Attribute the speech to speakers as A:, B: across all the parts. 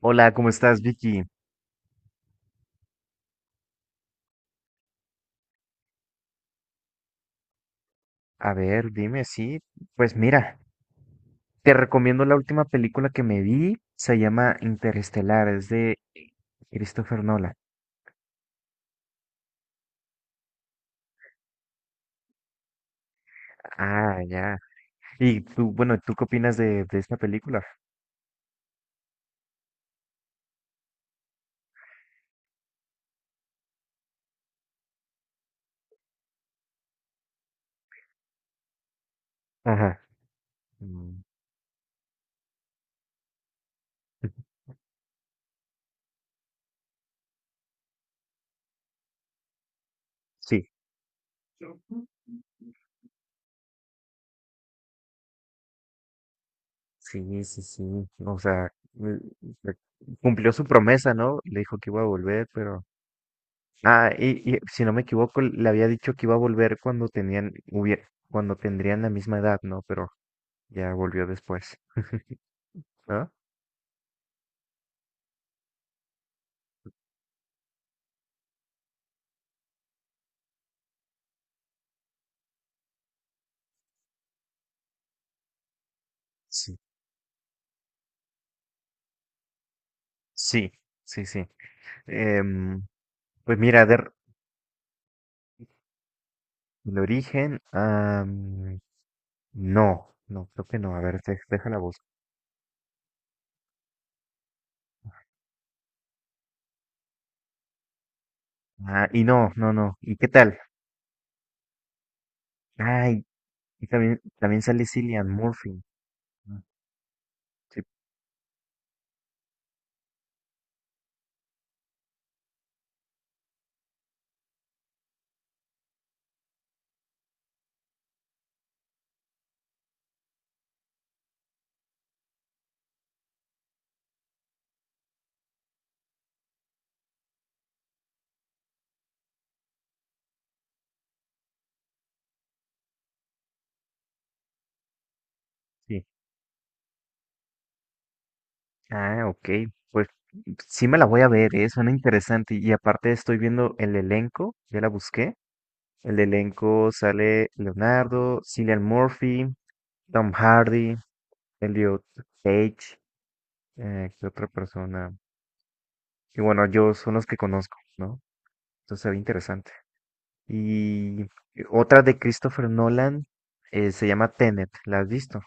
A: Hola, ¿cómo estás, Vicky? A ver, dime, sí. Pues mira, te recomiendo la última película que me vi. Se llama Interestelar, es de Christopher Nolan. Ah, ya. Y tú, bueno, ¿tú qué opinas de esta película? Ajá. Mm. Sí. Sí, sí, sí. O sea, eh, cumplió su promesa, ¿no? Le dijo que iba a volver, pero... Ah, y si no me equivoco, le había dicho que iba a volver cuando tenían, cuando tendrían la misma edad, ¿no? Pero ya volvió después, ¿no? Sí. Sí, sí, sí. Em, pues mira, el origen, ah, no, no, creo que no. A ver, déjala voz. Ah, y no, no, no. ¿Y qué tal? Ay, y también, también sale Cillian Murphy. Ah, sí, sí. Ah, ok. Pues sí me la voy a ver, ¿eh? Suena interesante. Y aparte estoy viendo el elenco, ya la busqué. El elenco sale Leonardo, Cillian Murphy, Tom Hardy, Elliot Page, ¿qué otra persona? Y bueno, yo son los que conozco, ¿no? Entonces se ve interesante. Y otra de Christopher Nolan se llama Tenet, ¿la has visto?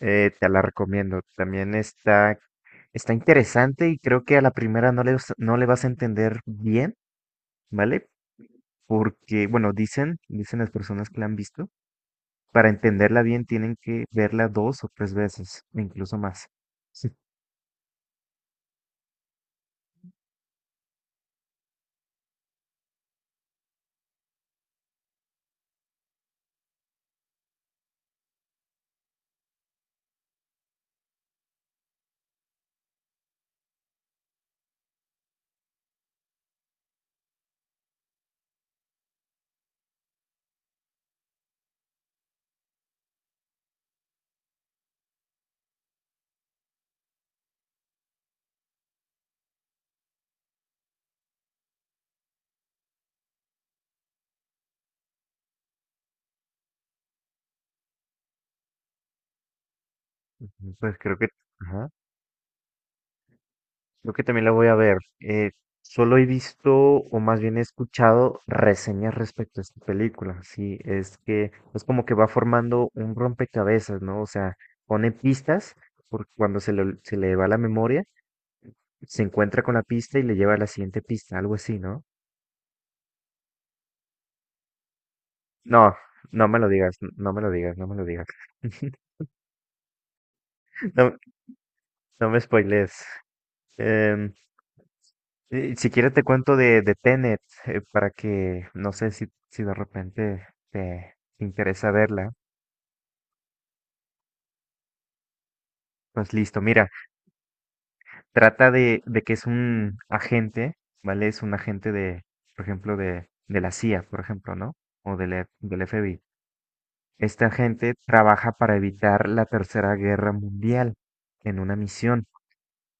A: Te la recomiendo. Está interesante y creo que a la primera no le vas a entender bien, ¿vale? Porque, bueno, dicen las personas que la han visto, para entenderla bien tienen que verla dos o tres veces, incluso más. Pues creo que, ajá. Creo que también la voy a ver. Solo he visto, o más bien he escuchado, reseñas respecto a esta película. Sí, es que es como que va formando un rompecabezas, ¿no? O sea, pone pistas, porque se le va la memoria, se encuentra con la pista y le lleva a la siguiente pista, algo así, ¿no? No, no me lo digas, no me lo digas, no me lo digas. No, no me spoilees. Em, Si quieres te cuento de Tenet, para que, no sé si de repente te interesa verla. Pues listo, mira, trata de que es un agente, ¿vale? Es un agente de, por ejemplo, de la CIA, por ejemplo, ¿no? O del, del FBI. Este agente trabaja para evitar la Tercera Guerra Mundial en una misión.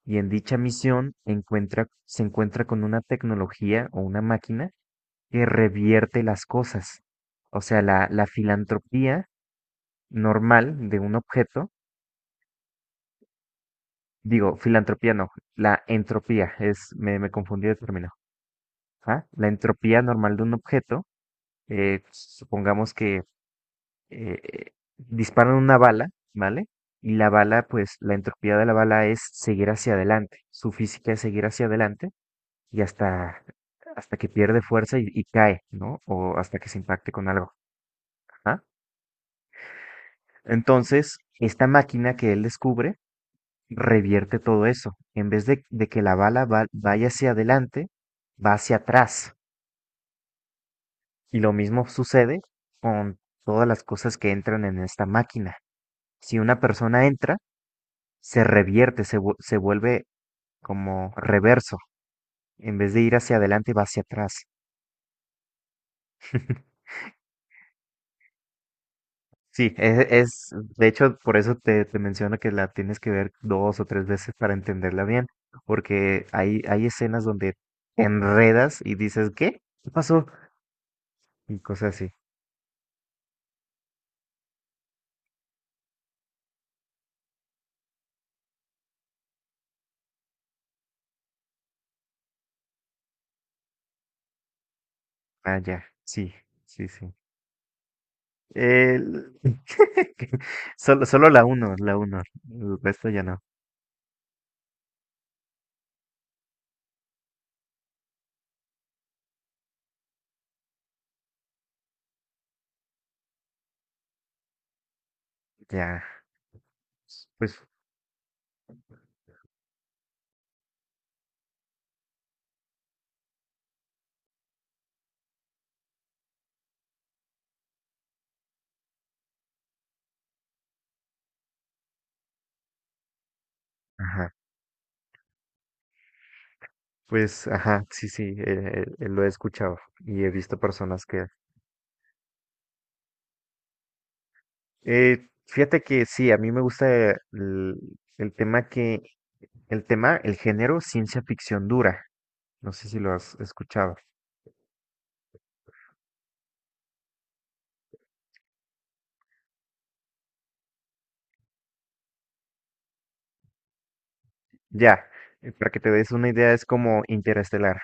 A: Y en dicha misión se encuentra con una tecnología o una máquina que revierte las cosas. O sea, la filantropía normal de un objeto, digo, filantropía no, la entropía, es, me confundí de término. ¿Ah? La entropía normal de un objeto, supongamos que disparan una bala, ¿vale? Y la bala, pues la entropía de la bala es seguir hacia adelante, su física es seguir hacia adelante y hasta que pierde fuerza y cae, ¿no? O hasta que se impacte con algo. ¿Ah? Entonces, esta máquina que él descubre revierte todo eso. En vez de que la bala vaya hacia adelante, va hacia atrás. Y lo mismo sucede con todas las cosas que entran en esta máquina. Si una persona entra, se revierte, se vuelve como reverso. En vez de ir hacia adelante, va hacia atrás. Sí, de hecho, por eso te menciono que la tienes que ver dos o tres veces para entenderla bien, porque hay escenas donde te enredas y dices, ¿qué? ¿Qué pasó? Y cosas así. Ah, ya, sí, sí, sí. El- que- Solo, la uno, el resto ya no. Ya, pues, ajá, pues, ajá, sí, sí, lo he escuchado y he visto personas que... fíjate que sí, a mí me gusta el tema que El tema, el género, ciencia ficción dura. No sé si lo has escuchado. Ya, para que te des una idea, es como Interestelar.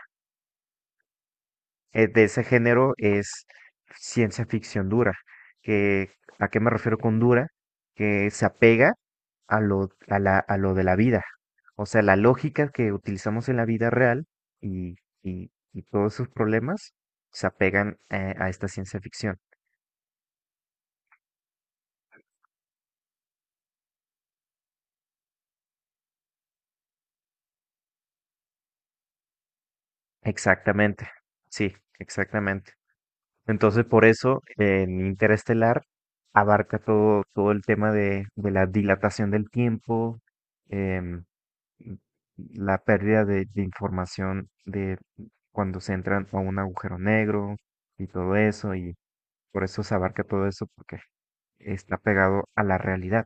A: De ese género es ciencia ficción dura. Que, ¿a qué me refiero con dura? Que se apega a a lo de la vida. O sea, la lógica que utilizamos en la vida real y, y todos sus problemas se apegan a esta ciencia ficción. Exactamente. Sí, exactamente. Entonces, por eso, en Interestelar abarca todo, todo el tema de la dilatación del tiempo, em, la pérdida de información de cuando se entran a un agujero negro y todo eso, y por eso se abarca todo eso, porque está pegado a la realidad.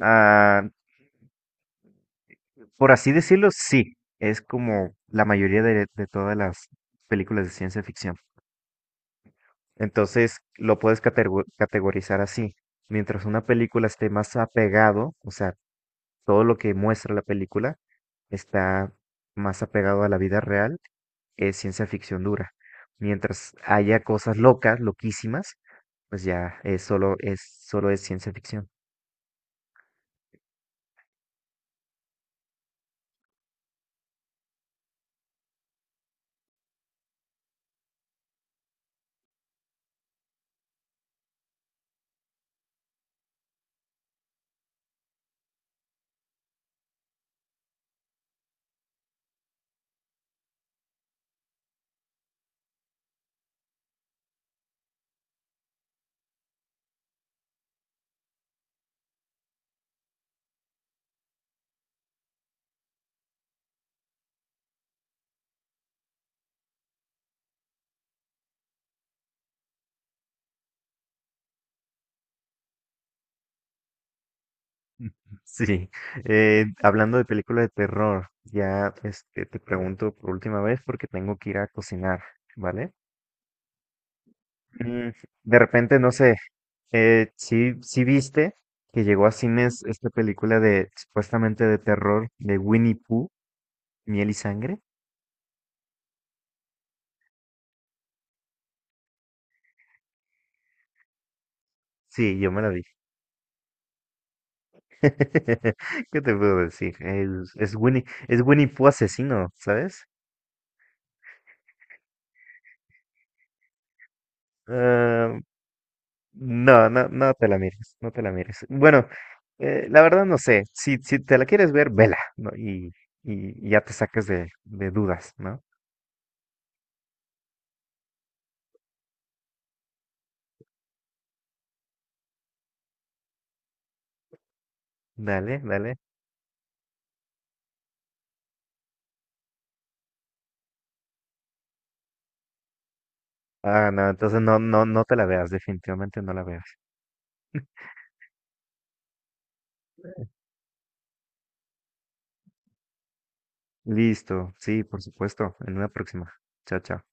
A: Ah, por así decirlo, sí, es como la mayoría de todas las películas de ciencia ficción. Entonces lo puedes categorizar así. Mientras una película esté más apegado, o sea, todo lo que muestra la película está más apegado a la vida real, es ciencia ficción dura. Mientras haya cosas locas, loquísimas, pues ya es solo es solo es ciencia ficción. Sí, hablando de películas de terror, ya este, te pregunto por última vez porque tengo que ir a cocinar, ¿vale? Mm, de repente, no sé, si sí viste que llegó a cines esta película de supuestamente de terror de Winnie Pooh, Miel y Sangre. Sí, yo me la vi. ¿Qué te puedo decir? Es Winnie Pooh asesino, ¿sabes? No, no, no te la mires, no te la mires. Bueno, la verdad no sé, si te la quieres ver, vela, ¿no? Y ya te saques de dudas, ¿no? Dale, dale. Ah, no, entonces no, no, no te la veas, definitivamente no la veas. Listo, sí, por supuesto, en una próxima. Chao, chao.